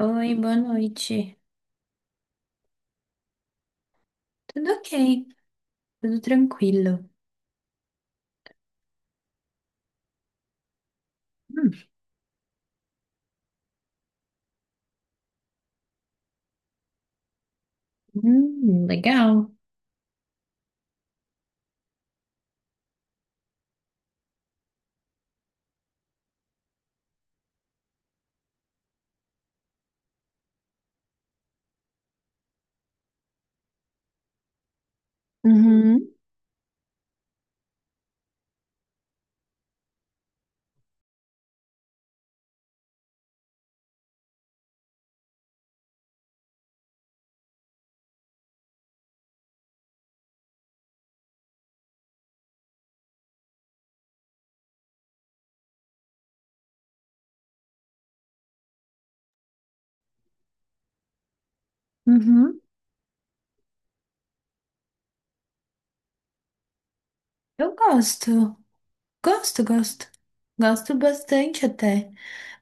Oi, boa noite. Tudo ok, tudo tranquilo. Hum. Legal. Uhum. Uhum. Eu gosto, gosto, gosto. Gosto bastante até.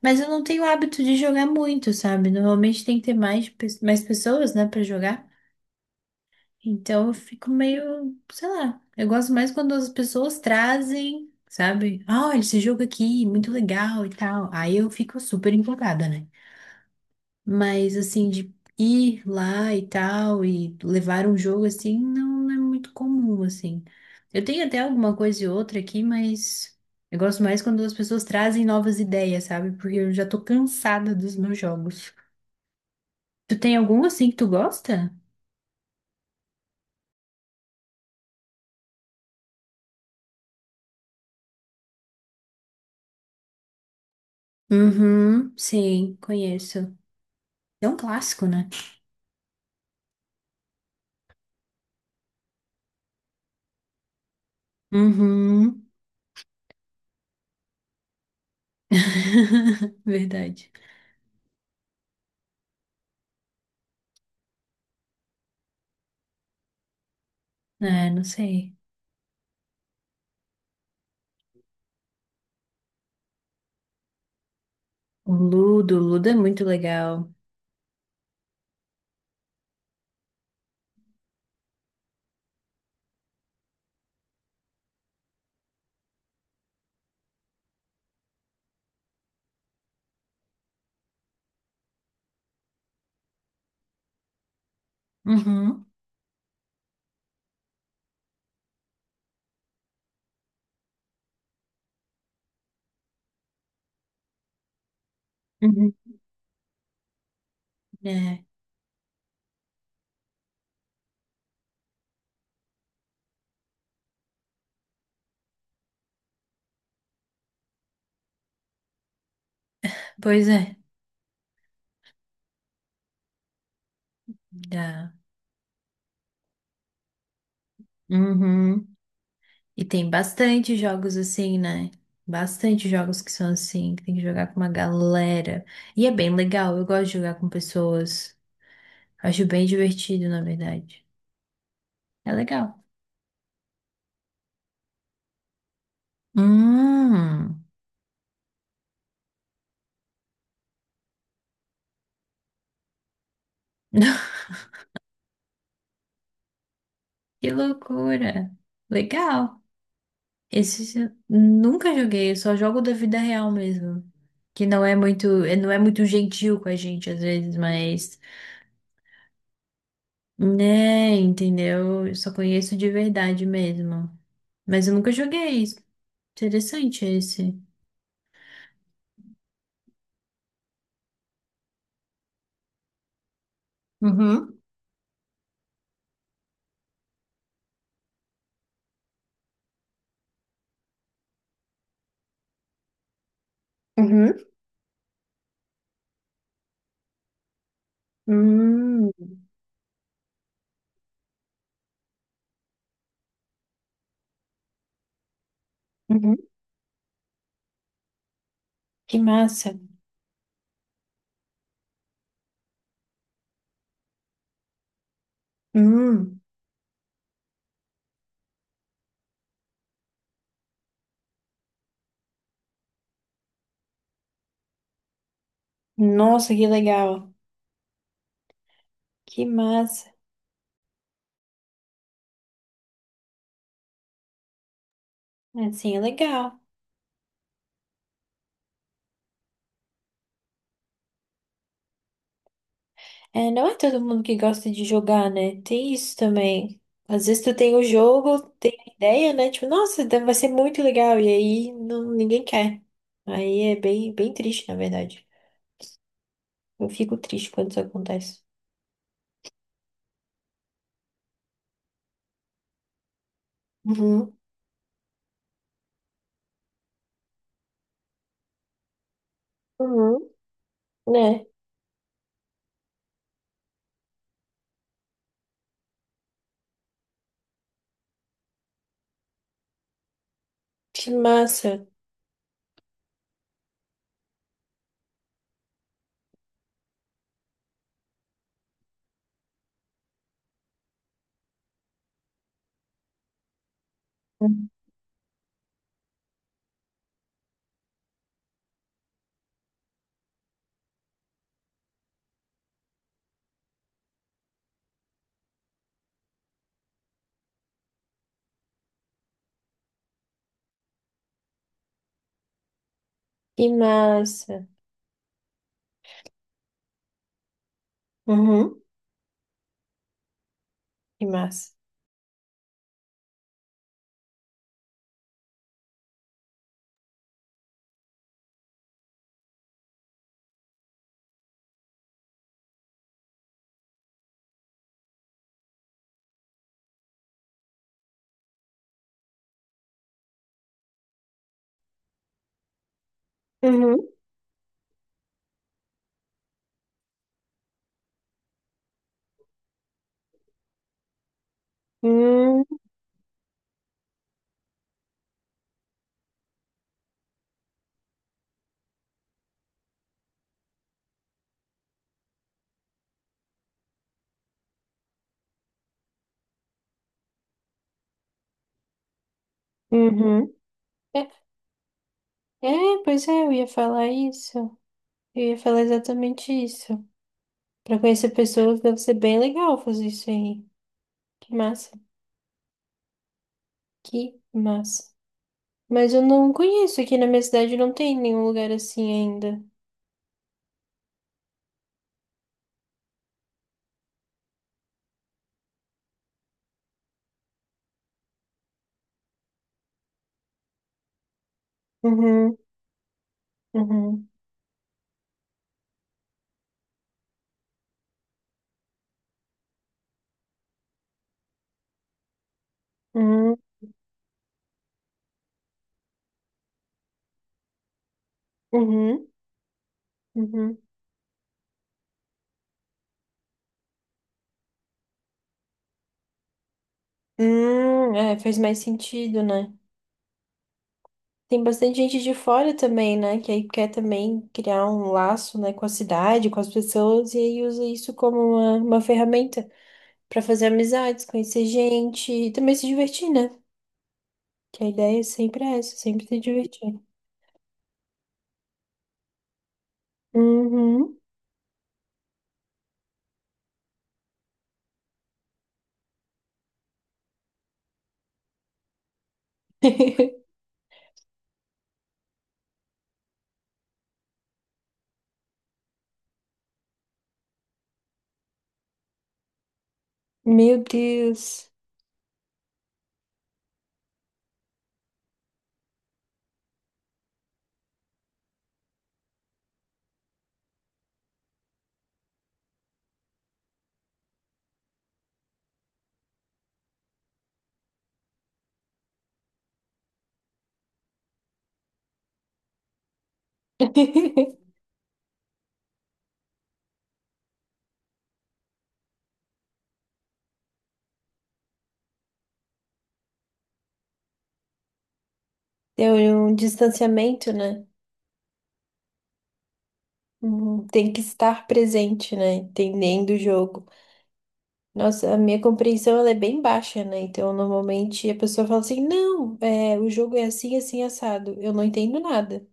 Mas eu não tenho hábito de jogar muito, sabe? Normalmente tem que ter mais, mais pessoas, né, pra jogar. Então eu fico meio, sei lá. Eu gosto mais quando as pessoas trazem, sabe? Ah, olha esse jogo aqui, muito legal e tal. Aí eu fico super empolgada, né? Mas assim, de ir lá e tal, e levar um jogo assim, não é muito comum, assim. Eu tenho até alguma coisa e outra aqui, mas eu gosto mais quando as pessoas trazem novas ideias, sabe? Porque eu já tô cansada dos meus jogos. Tu tem algum assim que tu gosta? Uhum, sim, conheço. É um clássico, né? Uhum. Verdade. É, não sei. O Ludo é muito legal. Uhum. Uhum. É. Pois é. Dá. Uhum. E tem bastante jogos assim, né? Bastante jogos que são assim, que tem que jogar com uma galera. E é bem legal, eu gosto de jogar com pessoas. Acho bem divertido, na verdade. É legal. Hum. Que loucura. Legal. Esse eu nunca joguei, eu só jogo da vida real mesmo. Que não é muito, não é muito gentil com a gente às vezes, mas, né, entendeu? Eu só conheço de verdade mesmo. Mas eu nunca joguei. Isso. Interessante esse. Uhum, uhum, hum, uhum. Que massa. Hum, nossa, que legal. Que massa. Assim, é legal. É, não é todo mundo que gosta de jogar, né? Tem isso também. Às vezes tu tem o jogo, tem a ideia, né? Tipo, nossa, deve- vai ser muito legal. E aí não, ninguém quer. Aí é bem, bem triste, na verdade. Eu fico triste quando isso acontece. Uhum, uhum, né? Que massa. Que massa. Uhum. Que massa. Uhum. Hum, uhum. É, é, pois é, eu ia falar isso. Eu ia falar exatamente isso. Pra conhecer pessoas deve ser bem legal fazer isso aí. Que massa. Que massa. Mas eu não conheço. Aqui na minha cidade não tem nenhum lugar assim ainda. Uhum. Uhum. Uhum. Uhum. Uhum. É, faz mais sentido, né? Tem bastante gente de fora também, né? Que aí quer também criar um laço, né, com a cidade, com as pessoas, e aí usa isso como uma ferramenta para fazer amizades, conhecer gente e também se divertir, né? Que a ideia sempre é essa, sempre se divertir. Uhum. Meu Deus. Tem um distanciamento, né? Uhum. Tem que estar presente, né? Entendendo o jogo. Nossa, a minha compreensão ela é bem baixa, né? Então, normalmente a pessoa fala assim: não, é, o jogo é assim, assim, assado. Eu não entendo nada.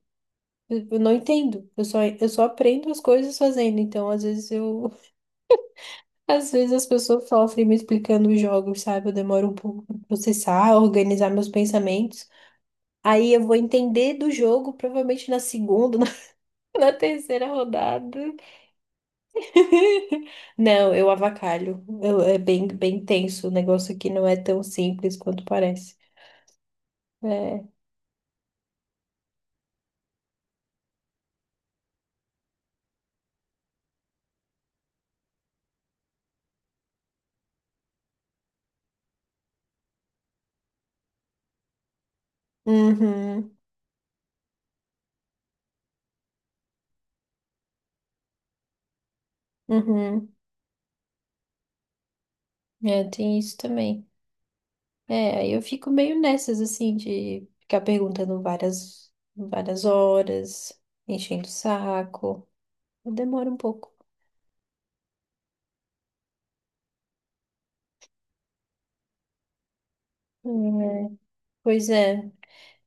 Eu não entendo. Eu só aprendo as coisas fazendo. Então, às vezes as pessoas sofrem me explicando os jogos, sabe? Eu demoro um pouco para processar, organizar meus pensamentos. Aí eu vou entender do jogo, provavelmente na segunda, na terceira rodada. Não, eu avacalho. É bem, bem tenso. O negócio aqui não é tão simples quanto parece. É. Uhum, uhum. É, tem isso também. É, aí eu fico meio nessas, assim, de ficar perguntando várias, várias horas, enchendo o saco. Demora um pouco. É, pois é.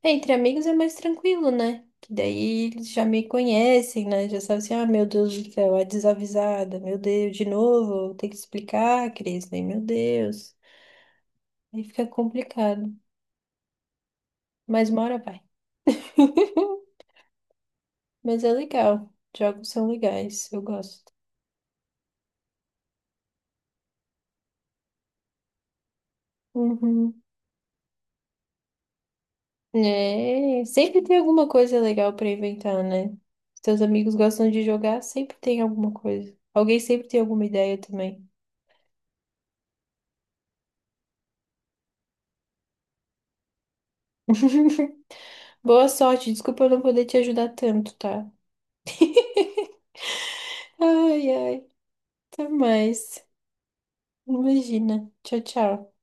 É, entre amigos é mais tranquilo, né? Que daí eles já me conhecem, né? Já sabem assim, ah, meu Deus do céu, a desavisada, meu Deus, de novo, tem que explicar, Cris, né? Meu Deus. Aí fica complicado. Mas uma hora vai. Mas é legal. Jogos são legais, eu gosto. Uhum. É, sempre tem alguma coisa legal pra inventar, né? Seus amigos gostam de jogar, sempre tem alguma coisa. Alguém sempre tem alguma ideia também. Boa sorte, desculpa eu não poder te ajudar tanto, tá? Ai, ai, até mais. Imagina. Tchau, tchau.